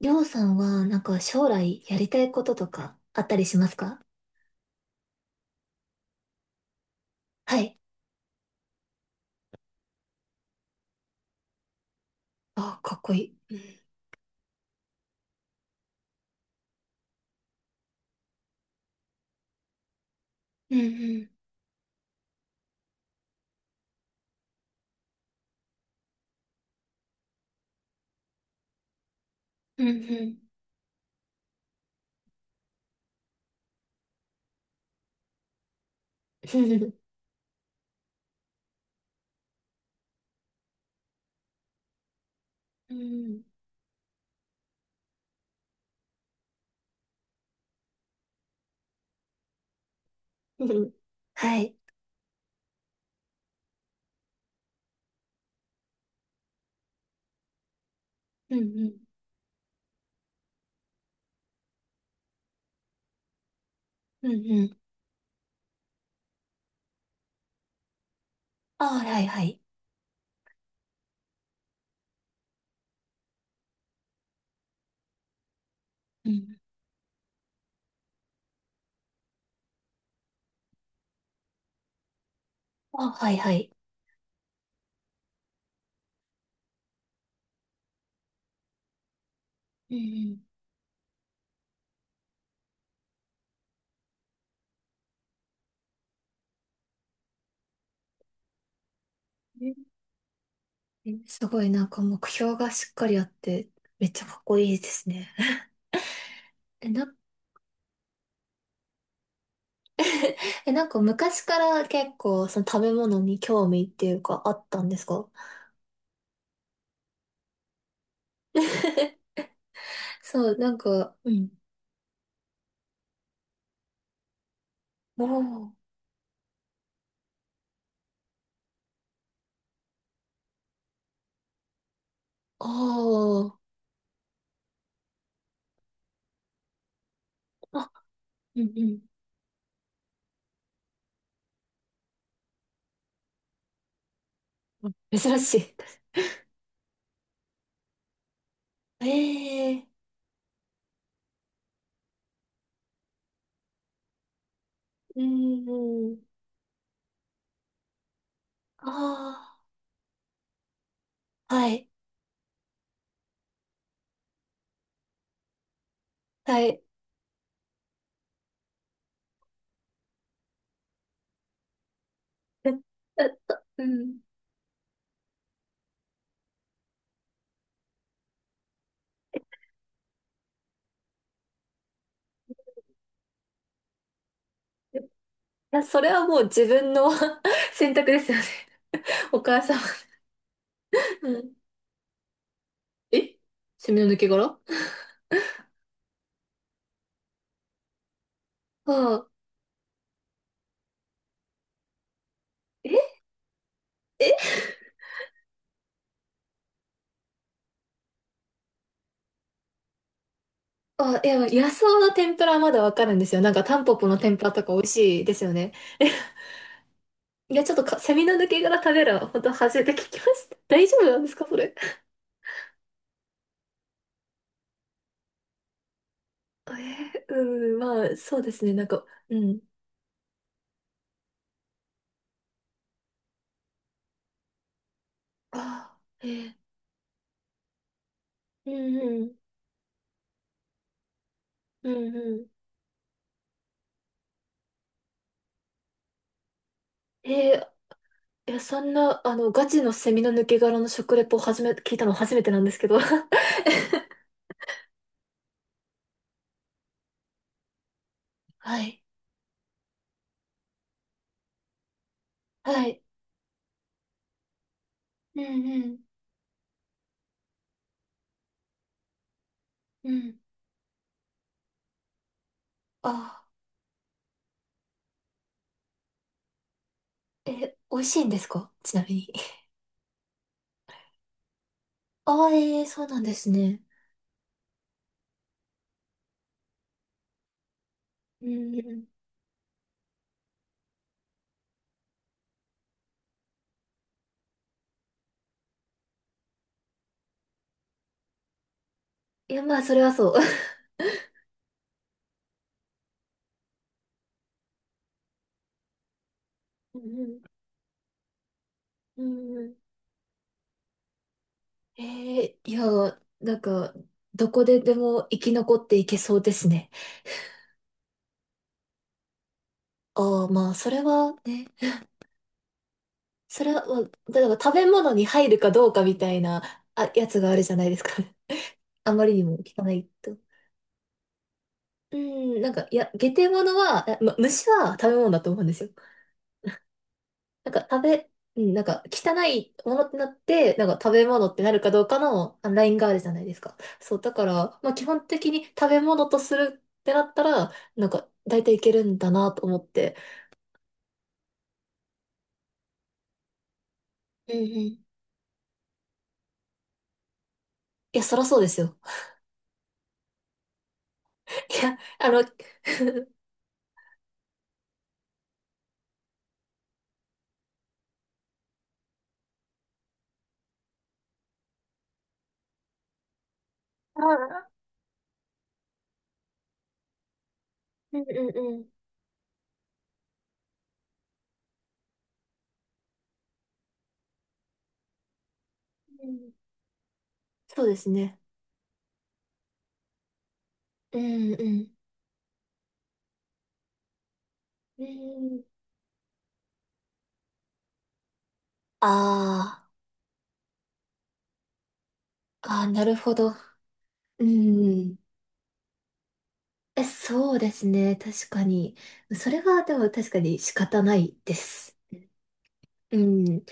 りょうさんは、なんか将来やりたいこととかあったりしますか？はい。あ、かっこいい。うん、うん、うん、うんうん、うんうん。はい。うん、うん、うん、うん、あ、はいはい。うん、あ、はいはい。うん、ええ、すごいなんか目標がしっかりあって、めっちゃかっこいいですね。え、な、え、なんか昔から結構その食べ物に興味っていうかあったんですか？ そう、なんか、うん。おー、ああ、あ、うんうん。珍しい。ええ、うん。ああ、はい、はい。え、えっうん。いや、それはもう自分の 選択ですよね。お母様。うん。え、セミの抜け殻、ああ、ええ、あ、いや、野草の天ぷらはまだわかるんですよ。なんかタンポポの天ぷらとか美味しいですよね。え、いや、ちょっとか、セミの抜け殻食べるの、本当初めて聞きました。大丈夫なんですか、それ。えー、うん、まあ、そうですね。なんか、うん。ああ、えー、うんうん、うんうん。えー、いや、そんな、あの、ガチのセミの抜け殻の食レポを聞いたの初めてなんですけど。はい、はい。うんうん、うん。ああ、えー、美味しいんですかちなみに？ああ、えー、そうなんですね。うんうん。いや、まあ、それはそう。うんうん、うんうん。えー、いや、なんか、どこででも生き残っていけそうですね。ああ、まあ、それはね。それは、だから食べ物に入るかどうかみたいな、あ、やつがあるじゃないですか。あまりにも汚いと。うん、なんか、いや、下手物は、あま、虫は食べ物だと思うんですよ。なんか食べ、うん、なんか汚いものってなって、なんか食べ物ってなるかどうかのあラインがあるじゃないですか。そう、だから、まあ基本的に食べ物とするってなったら、なんか大体いけるんだなと思って。うんうん。いや、そらそうですよ。いや、あの、あ、あうんうんうん。うん、そうですね。うんうん。うん。あー、あー、なるほど。うん。え、そうですね。確かに。それは、でも確かに仕方ないです。うん。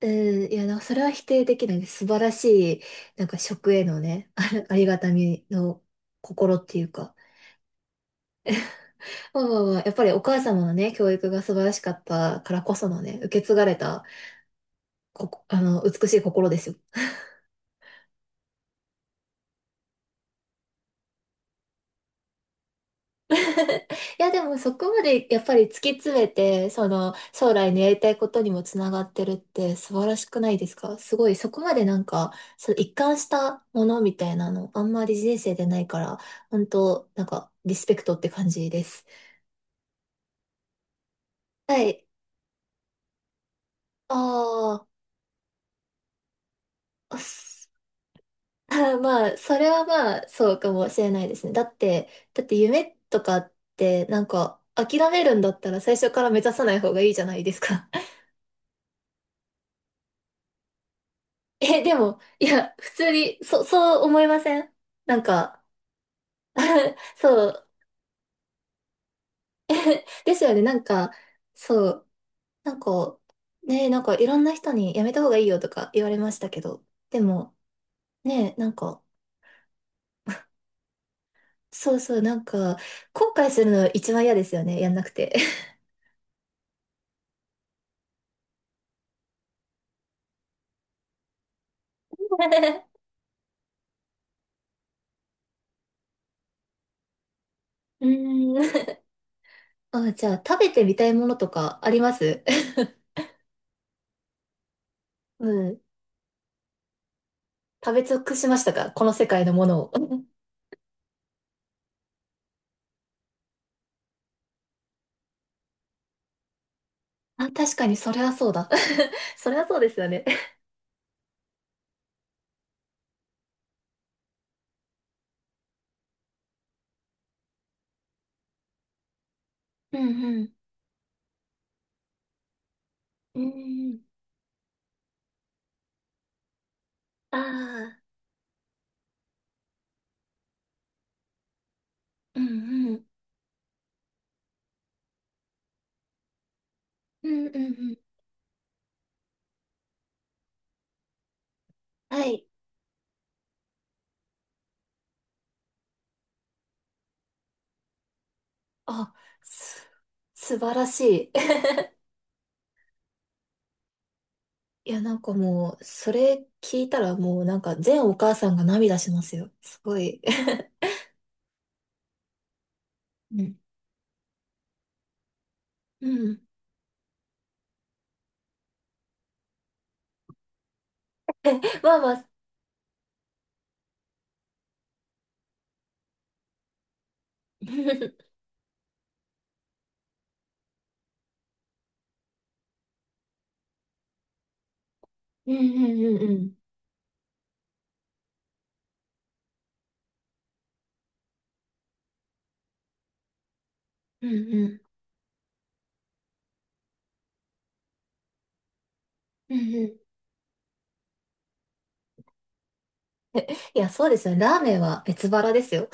うん。いや、なんかそれは否定できないです。素晴らしい、なんか食へのね、あ、ありがたみの心っていうか。まあまあまあ、やっぱりお母様のね、教育が素晴らしかったからこそのね、受け継がれた、ここ、あの、美しい心ですよ。いや、でもそこまでやっぱり突き詰めて、その将来のやりたいことにもつながってるって素晴らしくないですか？すごい、そこまでなんか、その一貫したものみたいなの、あんまり人生でないから、本当なんか、リスペクトって感じです。はい。あー、あ、す、 まあ、それはまあ、そうかもしれないですね。だって、だって夢とかって、なんか、諦めるんだったら最初から目指さない方がいいじゃないですか。え、でも、いや、普通に、そ、そう思いません？なんか、そう。え、ですよね、なんか、そう。なんか、ね、なんかいろんな人にやめた方がいいよとか言われましたけど、でも、ね、なんか、そうそう、なんか、後悔するの一番嫌ですよね、やんなくて。うーん。あ、じゃあ、食べてみたいものとかあります？ うん。食べ尽くしましたかこの世界のものを。あ、確かに、それはそうだ。それはそうですよね。うんうん。うんうん。ああ、うんうん。うんうんうん。はい。あ、す、素晴らしい。いや、なんかもう、それ聞いたらもうなんか全お母さんが涙しますよ。すごい。うん。うん。まあまあ。うんうんうんうん。うんうん。うんうん。いや、そうですよね。ラーメンは別腹ですよ。